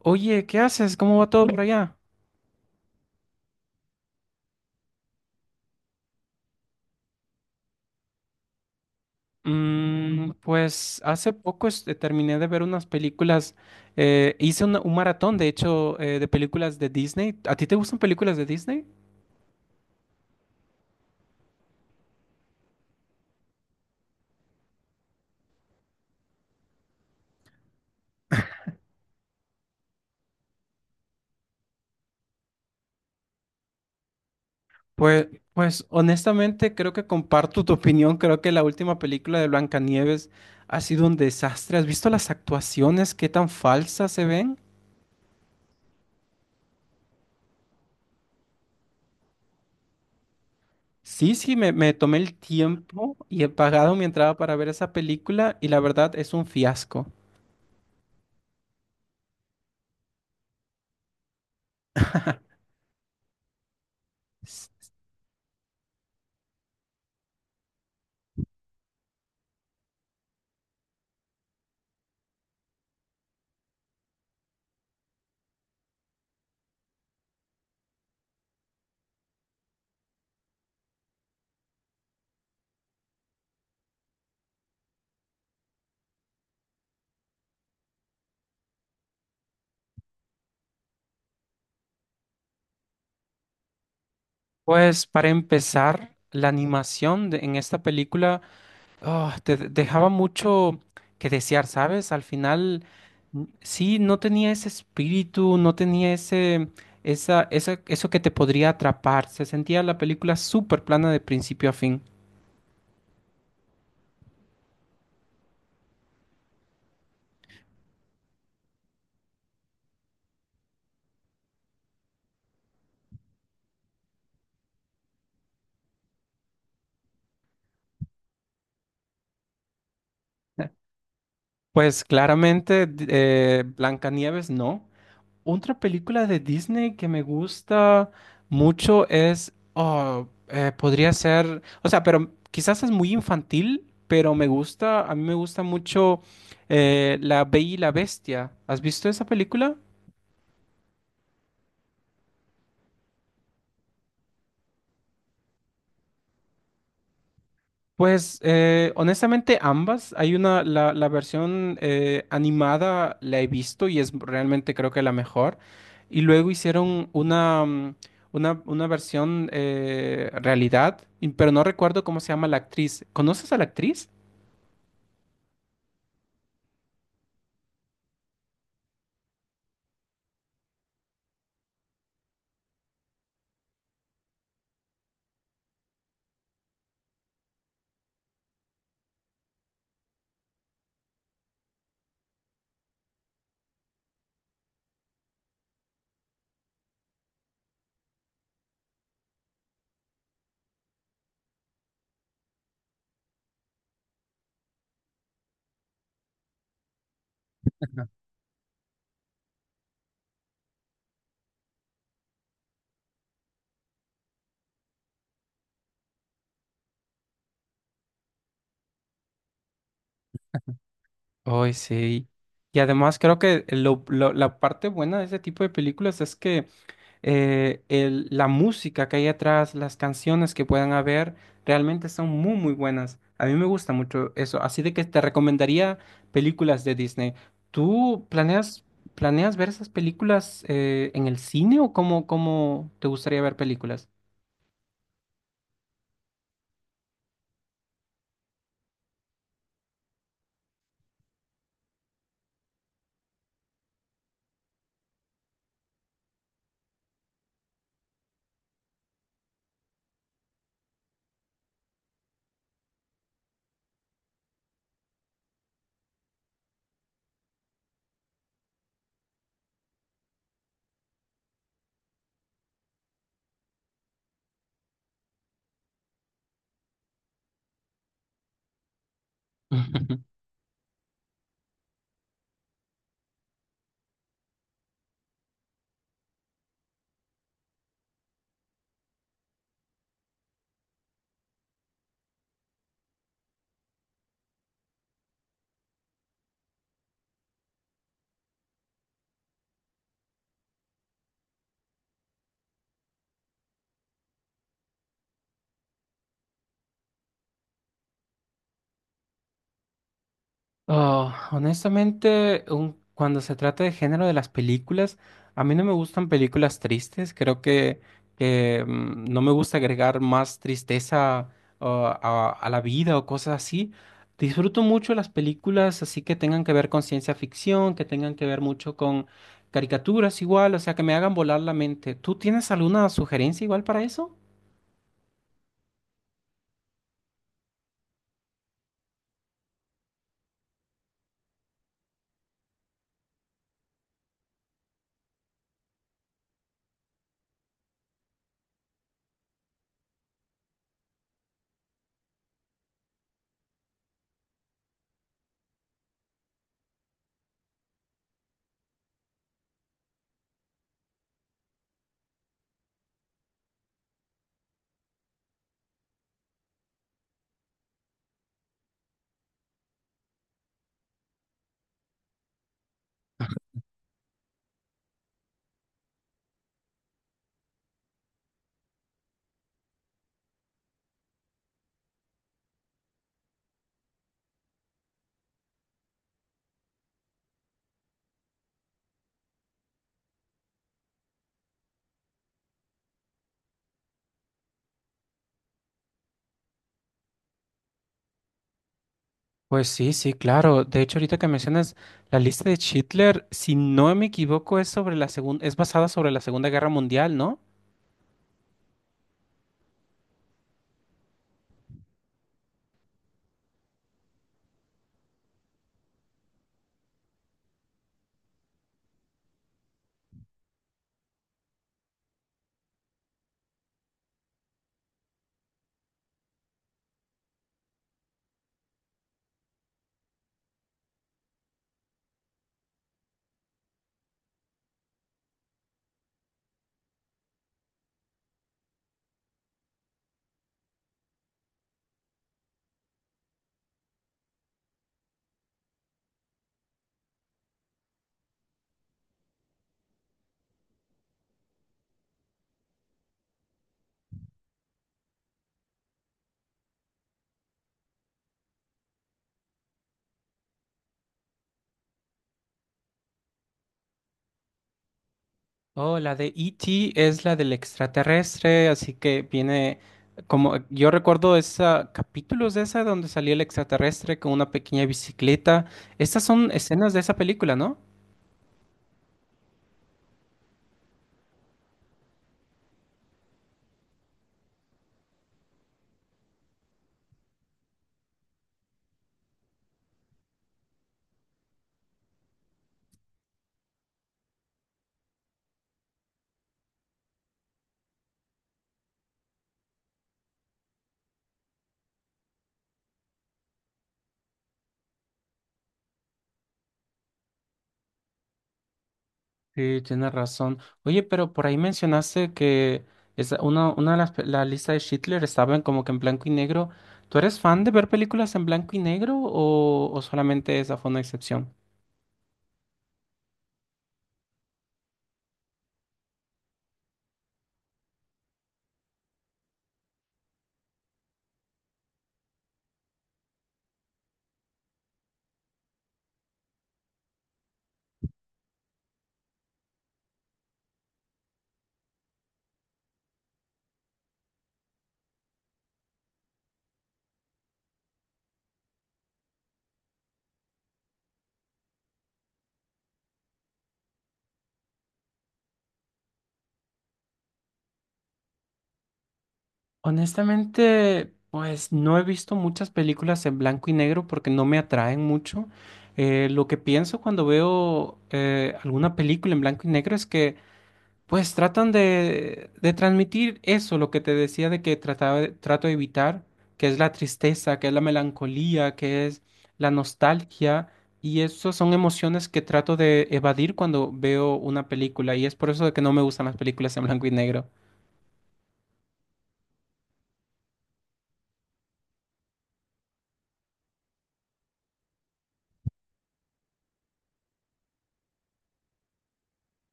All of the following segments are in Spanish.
Oye, ¿qué haces? ¿Cómo va todo por allá? Pues hace poco terminé de ver unas películas, hice un maratón, de hecho, de películas de Disney. ¿A ti te gustan películas de Disney? Pues, pues honestamente creo que comparto tu opinión, creo que la última película de Blancanieves ha sido un desastre. ¿Has visto las actuaciones? ¿Qué tan falsas se ven? Sí, sí, me tomé el tiempo y he pagado mi entrada para ver esa película y la verdad es un fiasco. Pues para empezar, en esta película dejaba mucho que desear, ¿sabes? Al final, sí, no tenía ese espíritu, no tenía eso que te podría atrapar. Se sentía la película súper plana de principio a fin. Eh, Pues claramente, Blancanieves no. Otra película de Disney que me gusta mucho es, podría ser, o sea, pero quizás es muy infantil, pero me gusta, a mí me gusta mucho La Bella y la Bestia. ¿Has visto esa película? Pues honestamente ambas. Hay una, la versión animada la he visto y es realmente creo que la mejor. Y luego hicieron una, una versión realidad, pero no recuerdo cómo se llama la actriz. ¿Conoces a la actriz? Ay, sí. Y además creo que la parte buena de ese tipo de películas es que la música que hay atrás, las canciones que puedan haber, realmente son muy, muy buenas. A mí me gusta mucho eso, así de que te recomendaría películas de Disney. ¿Tú planeas, planeas ver esas películas en el cine o cómo, cómo te gustaría ver películas? Ah, honestamente, cuando se trata de género de las películas, a mí no me gustan películas tristes. Creo que, no me gusta agregar más tristeza a la vida o cosas así. Disfruto mucho las películas así que tengan que ver con ciencia ficción, que tengan que ver mucho con caricaturas igual, o sea, que me hagan volar la mente. ¿Tú tienes alguna sugerencia igual para eso? Pues sí, sí, claro. De hecho, ahorita que mencionas la lista de Hitler, si no me equivoco, es sobre la segunda, es basada sobre la Segunda Guerra Mundial, ¿no? Oh, la de E.T. es la del extraterrestre, así que viene como yo recuerdo esa capítulos de esa donde salía el extraterrestre con una pequeña bicicleta. Estas son escenas de esa película, ¿no? Sí, tienes razón. Oye, pero por ahí mencionaste que una de las la lista de Schindler estaba en como que en blanco y negro. ¿Tú eres fan de ver películas en blanco y negro o solamente esa fue una excepción? Honestamente, pues no he visto muchas películas en blanco y negro porque no me atraen mucho. Lo que pienso cuando veo alguna película en blanco y negro es que pues tratan de transmitir eso, lo que te decía de que trato de evitar, que es la tristeza, que es la melancolía, que es la nostalgia, y esas son emociones que trato de evadir cuando veo una película, y es por eso de que no me gustan las películas en blanco y negro.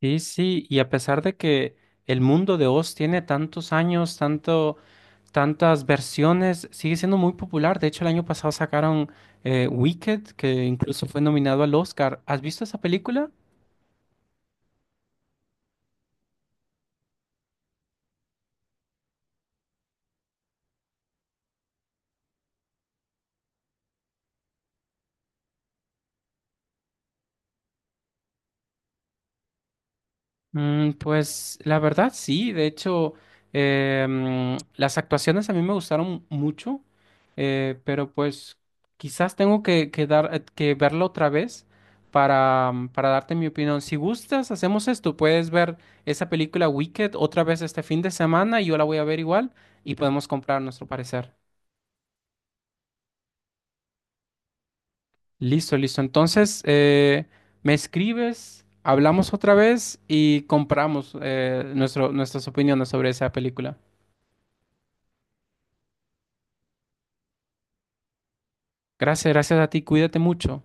Sí, sí, y a pesar de que el mundo de Oz tiene tantos años, tanto, tantas versiones, sigue siendo muy popular. De hecho, el año pasado sacaron Wicked, que incluso fue nominado al Oscar. ¿Has visto esa película? Pues la verdad sí, de hecho las actuaciones a mí me gustaron mucho, pero pues quizás tengo que dar, que verlo otra vez para, para darte mi opinión. Si gustas, hacemos esto, puedes ver esa película Wicked otra vez este fin de semana y yo la voy a ver igual y podemos comprar nuestro parecer. Listo, listo. Entonces, me escribes, hablamos otra vez y compramos nuestras opiniones sobre esa película. Gracias, gracias a ti. Cuídate mucho.